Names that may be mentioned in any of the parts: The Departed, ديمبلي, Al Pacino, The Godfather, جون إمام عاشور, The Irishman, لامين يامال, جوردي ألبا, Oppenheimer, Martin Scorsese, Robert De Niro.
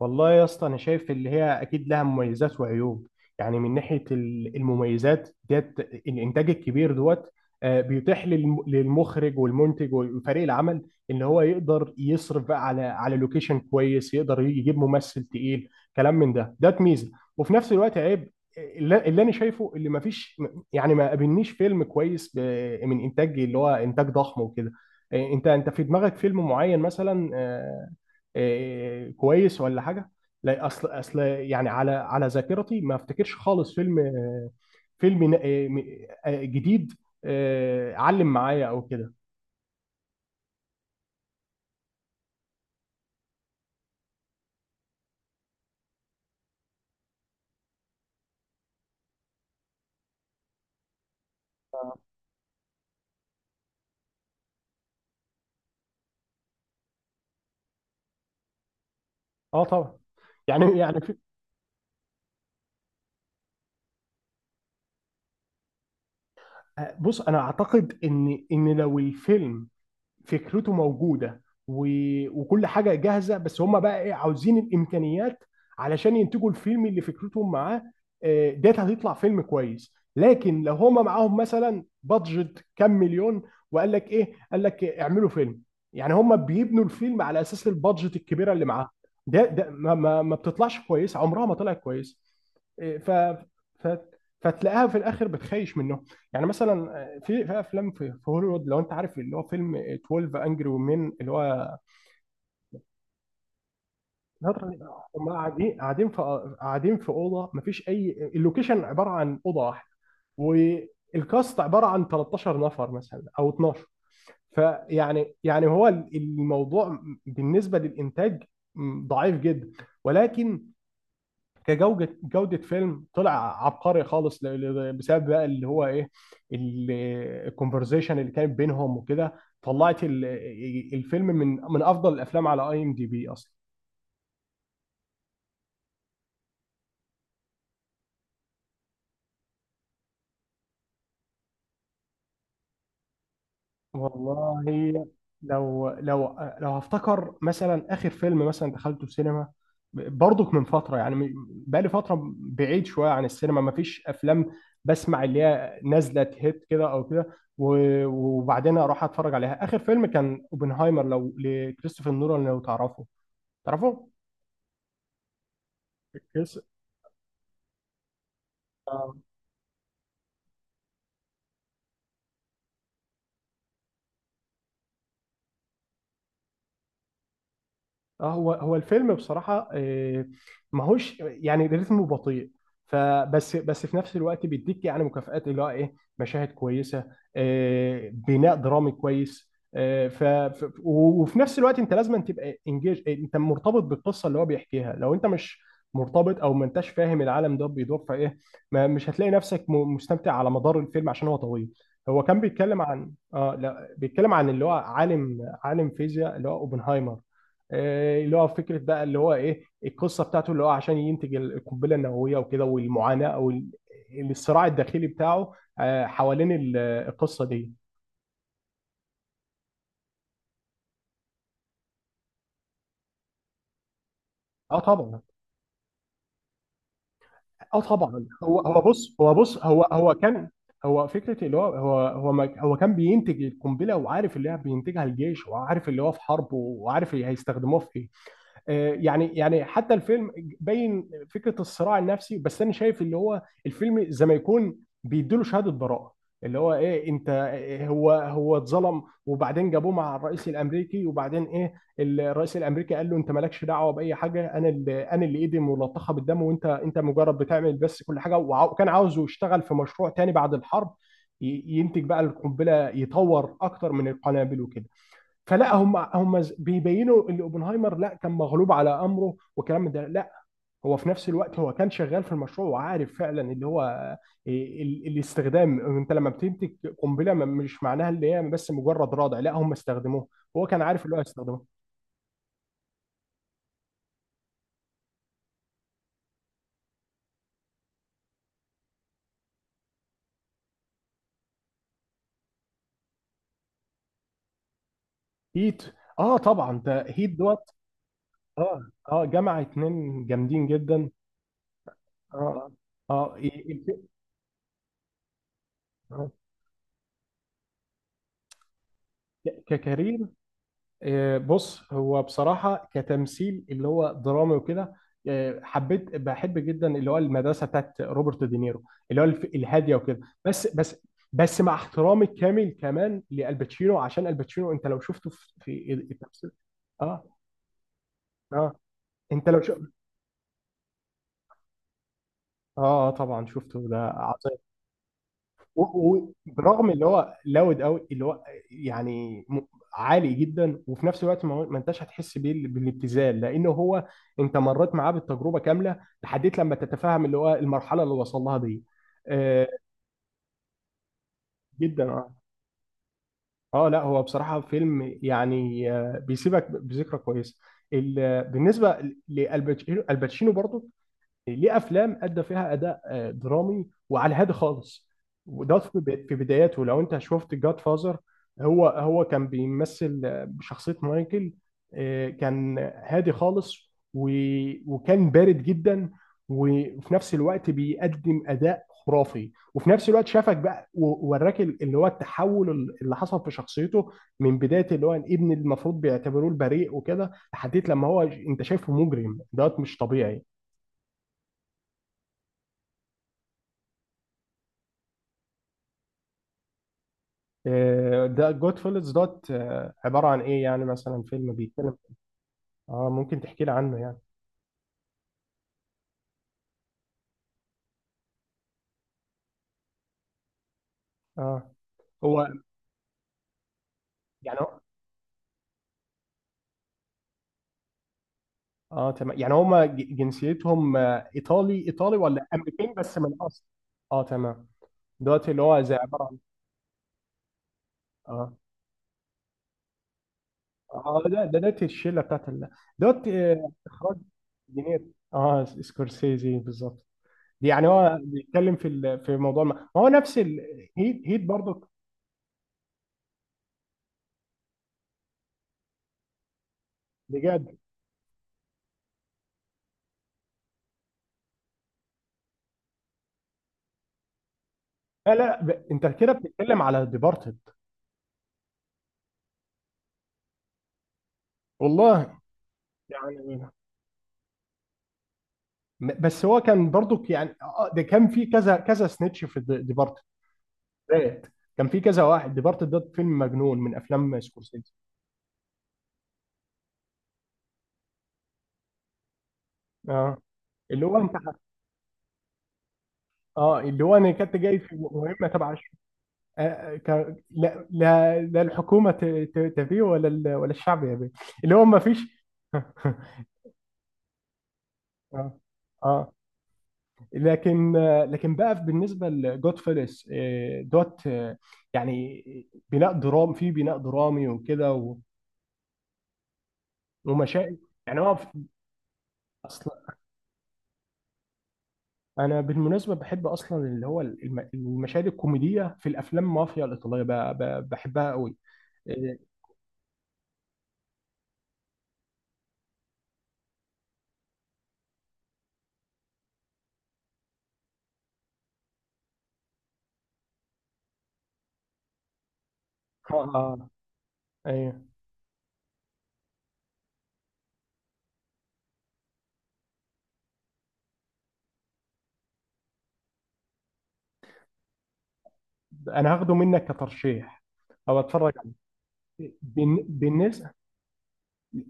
والله يا اسطى، انا شايف اللي هي اكيد لها مميزات وعيوب. يعني من ناحيه المميزات ديت الانتاج الكبير دوت. بيتيح للمخرج والمنتج وفريق العمل ان هو يقدر يصرف بقى على لوكيشن كويس، يقدر يجيب ممثل تقيل، كلام من ده ميزه. وفي نفس الوقت عيب. اللي انا شايفه اللي ما فيش، يعني ما قابلنيش فيلم كويس من انتاج اللي هو انتاج ضخم وكده. انت في دماغك فيلم معين مثلا؟ كويس ولا حاجه؟ لا، اصل يعني على ذاكرتي ما افتكرش خالص فيلم فيلم آه، م- جديد، علم معايا او كده. اه، طبعا. يعني بص، انا اعتقد ان لو الفيلم فكرته موجوده و... وكل حاجه جاهزه، بس هم بقى ايه عاوزين الامكانيات علشان ينتجوا الفيلم اللي فكرتهم معاه، ديت هتطلع فيلم كويس. لكن لو هم معاهم مثلا بادجت كام مليون، وقال لك ايه قال لك اعملوا فيلم، يعني هم بيبنوا الفيلم على اساس البادجت الكبيره اللي معاهم. ده ما بتطلعش كويس، عمرها ما طلعت كويس. إيه. ف ف فتلاقيها في الاخر بتخيش منهم. يعني مثلا، في افلام في هوليوود، لو انت عارف اللي هو فيلم 12 انجري، ومين اللي هو؟ هم قاعدين قاعدين في قاعدين في اوضه، مفيش اي، اللوكيشن عباره عن اوضه واحده، والكاست عباره عن 13 نفر مثلا او 12. يعني هو الموضوع بالنسبه للانتاج ضعيف جدا. ولكن كجوده، فيلم طلع عبقري خالص بسبب بقى اللي هو ايه، ال- الكونفرزيشن اللي كانت بينهم وكده. طلعت الفيلم من افضل الافلام على اي ام دي بي اصلا. والله، لو لو لو هفتكر مثلا اخر فيلم مثلا دخلته السينما، برضك من فتره، يعني بقالي فتره بعيد شويه عن السينما، ما فيش افلام بسمع اللي هي نازله هيت كده او كده وبعدين اروح اتفرج عليها. اخر فيلم كان اوبنهايمر، لو لكريستوفر نولان، لو تعرفه كريس. اه، هو الفيلم بصراحة ماهوش يعني رتمه بطيء. فبس في نفس الوقت بيديك يعني مكافآت، اللي هو ايه، مشاهد كويسة، بناء درامي كويس. وفي نفس الوقت انت لازم تبقى انجيج، انت مرتبط بالقصة اللي هو بيحكيها. لو انت مش مرتبط او ما انتش فاهم العالم ده بيدور في ايه، ما مش هتلاقي نفسك مستمتع على مدار الفيلم عشان هو طويل. هو كان بيتكلم عن، اه لا، بيتكلم عن اللي هو عالم فيزياء، اللي هو اوبنهايمر. اللي هو فكره بقى اللي هو ايه القصه بتاعته، اللي هو عشان ينتج القنبله النوويه وكده، والمعاناه او الصراع الداخلي بتاعه، حوالين القصه دي. اه، طبعا. اه، طبعا. هو كان... هو فكره، اللي هو ما هو كان بينتج القنبله، وعارف اللي هي بينتجها الجيش، وعارف اللي هو في حرب، وعارف اللي هيستخدموها في ايه. يعني حتى الفيلم باين فكره الصراع النفسي. بس انا شايف اللي هو الفيلم زي ما يكون بيديله شهاده براءه. اللي هو ايه؟ انت، إيه، هو اتظلم، وبعدين جابوه مع الرئيس الامريكي، وبعدين ايه؟ الرئيس الامريكي قال له انت مالكش دعوه باي حاجه، انا اللي ايدي ملطخه بالدم، وانت مجرد بتعمل بس كل حاجه. وكان عاوزه يشتغل في مشروع تاني بعد الحرب، ينتج بقى القنبله، يطور اكتر من القنابل وكده. فلاهم مع هم بيبيينوا اللي أبو نايمر، لا، كان مغلوب على أمره وكان مد، لا، هو في نفس الوقت هو كان شغال في المشروع، وعارف فعلًا اللي هو الاستخدام. أنت لما بتمتلك قمبلة، ما مش معناها اللي هي بس مجرد راضي. لا، هم استخدموه، هو كان عارف الوقت استخدمه. هيت. آه، طبعًا، تهيت دوت. آه جامعة اتنين جامدين جدًا. آه، آه. ك ك كريم. بص، هو بصراحة كتمثيل اللي هو درامي وكده، آه، حبيت بحب جدا اللي هو المدرسة بتاعت روبرت دينيرو، اللي هو الهادية وكده. بس، بس، بس مع احترامي الكامل كمان لالباتشينو، عشان الباتشينو انت لو شفته في التمثيل. اه، اه، انت لو شفته. اه طبعا شفته، ده عظيم. و- برغم اللي هو لاود قوي، اللي هو يعني عالي جدا، وفي نفس الوقت ما انتش هتحس بيه بالابتذال، لانه هو انت مريت معاه بالتجربه كامله لحد لما تتفهم اللي هو المرحله اللي وصل لها دي. آه، جدا. اه اه لا، هو بصراحه فيلم يعني بيسيبك بذكرى كويسه. بالنسبه لالباتشينو، الباتشينو برضو ليه افلام ادى فيها اداء درامي وعلى هادي خالص. وده في في بداياته. لو انت شفت جاد فازر، هو كان بيمثل بشخصيه مايكل. كان هادي خالص، وكان بارد جدا، وفي نفس الوقت بيقدم اداء خرافي، وفي نفس الوقت شافك بقى ووراك اللي هو التحول اللي حصل في شخصيته، من بدايه اللي هو الابن اللي المفروض بيعتبروه البريء وكده، لحد لما هو انت شايفه مجرم دوت مش طبيعي. إيه، ده جود فيلز دوت. عبارة عن ايه؟ يعني مثلا فيلم بيتكلم؟ اه، ممكن تحكي لي عنه يعني. اه. هو يعني هو- اه، تمام. يعني هما جنسيتهم ايطالي ولا امريكان بس من اصل؟ اه، تمام. دوت اللي هو زي عبارة عن. اه. اه ده دوت، الشلة بتاعت ال- دوت اخراج. جنيه. اه، سكورسيزي بالظبط. دي يعني هو بيتكلم في في موضوع، ما هو نفس هيت برضه. بجد؟ لا، لا، انت كده بتتكلم على ديبارتد. والله. يعني بس هو كان برضو يعني ده كان في كذا كذا سنيتش في ديبارتد ذات. كان في كذا واحد، ديبارتد ده فيلم مجنون من افلام سكورسيزي. اه، اللي هو انت. اه، اللي هو انا كنت جاي في مهمه تبع آه، آه، ك... لا، لا، لا، الحكومه تبيه ولا ولا الشعب يبيه، اللي هو ما فيش. اه. اه. لكن، لكن بقى بالنسبه لجود فيلس دوت. يعني بناء درامي وكده، ومشاهد. يعني هو في. اصلا انا بالمناسبه بحب اصلا اللي هو المشاهد الكوميديه في الافلام مافيا الايطاليه بحبها قوي. إيه، اه، آه. ايوه، انا هاخده منك كترشيح، او اتفرج عليه. بالنسبه،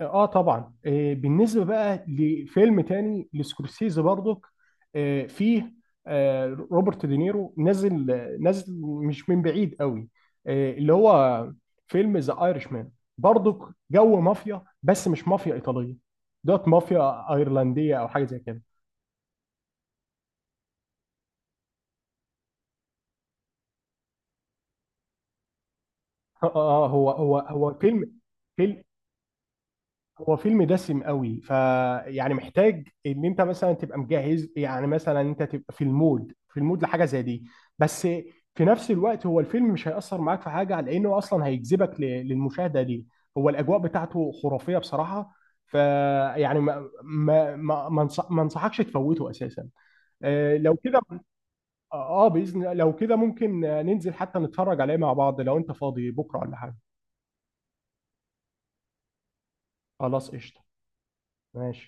اه، طبعا. بالنسبه بقى لفيلم تاني لسكورسيزي برضك. فيه روبرت دينيرو نازل، مش من بعيد قوي، اللي هو فيلم ذا ايرش مان، برضك جو مافيا، بس مش مافيا ايطاليه دوت، مافيا ايرلنديه او حاجه زي كده. اه، هو فيلم، هو فيلم دسم قوي. فيعني محتاج ان انت مثلا تبقى مجهز، يعني مثلا انت تبقى في المود، لحاجه زي دي. بس في نفس الوقت هو الفيلم مش هيأثر معاك في حاجه، لانه اصلا هيجذبك للمشاهده دي. هو الاجواء بتاعته خرافيه بصراحه. فيعني ما انصحكش تفوته اساسا، لو كده. اه، باذن، لو كده ممكن ننزل حتى نتفرج عليه مع بعض لو انت فاضي بكره ولا حاجه. خلاص قشطه ماشي.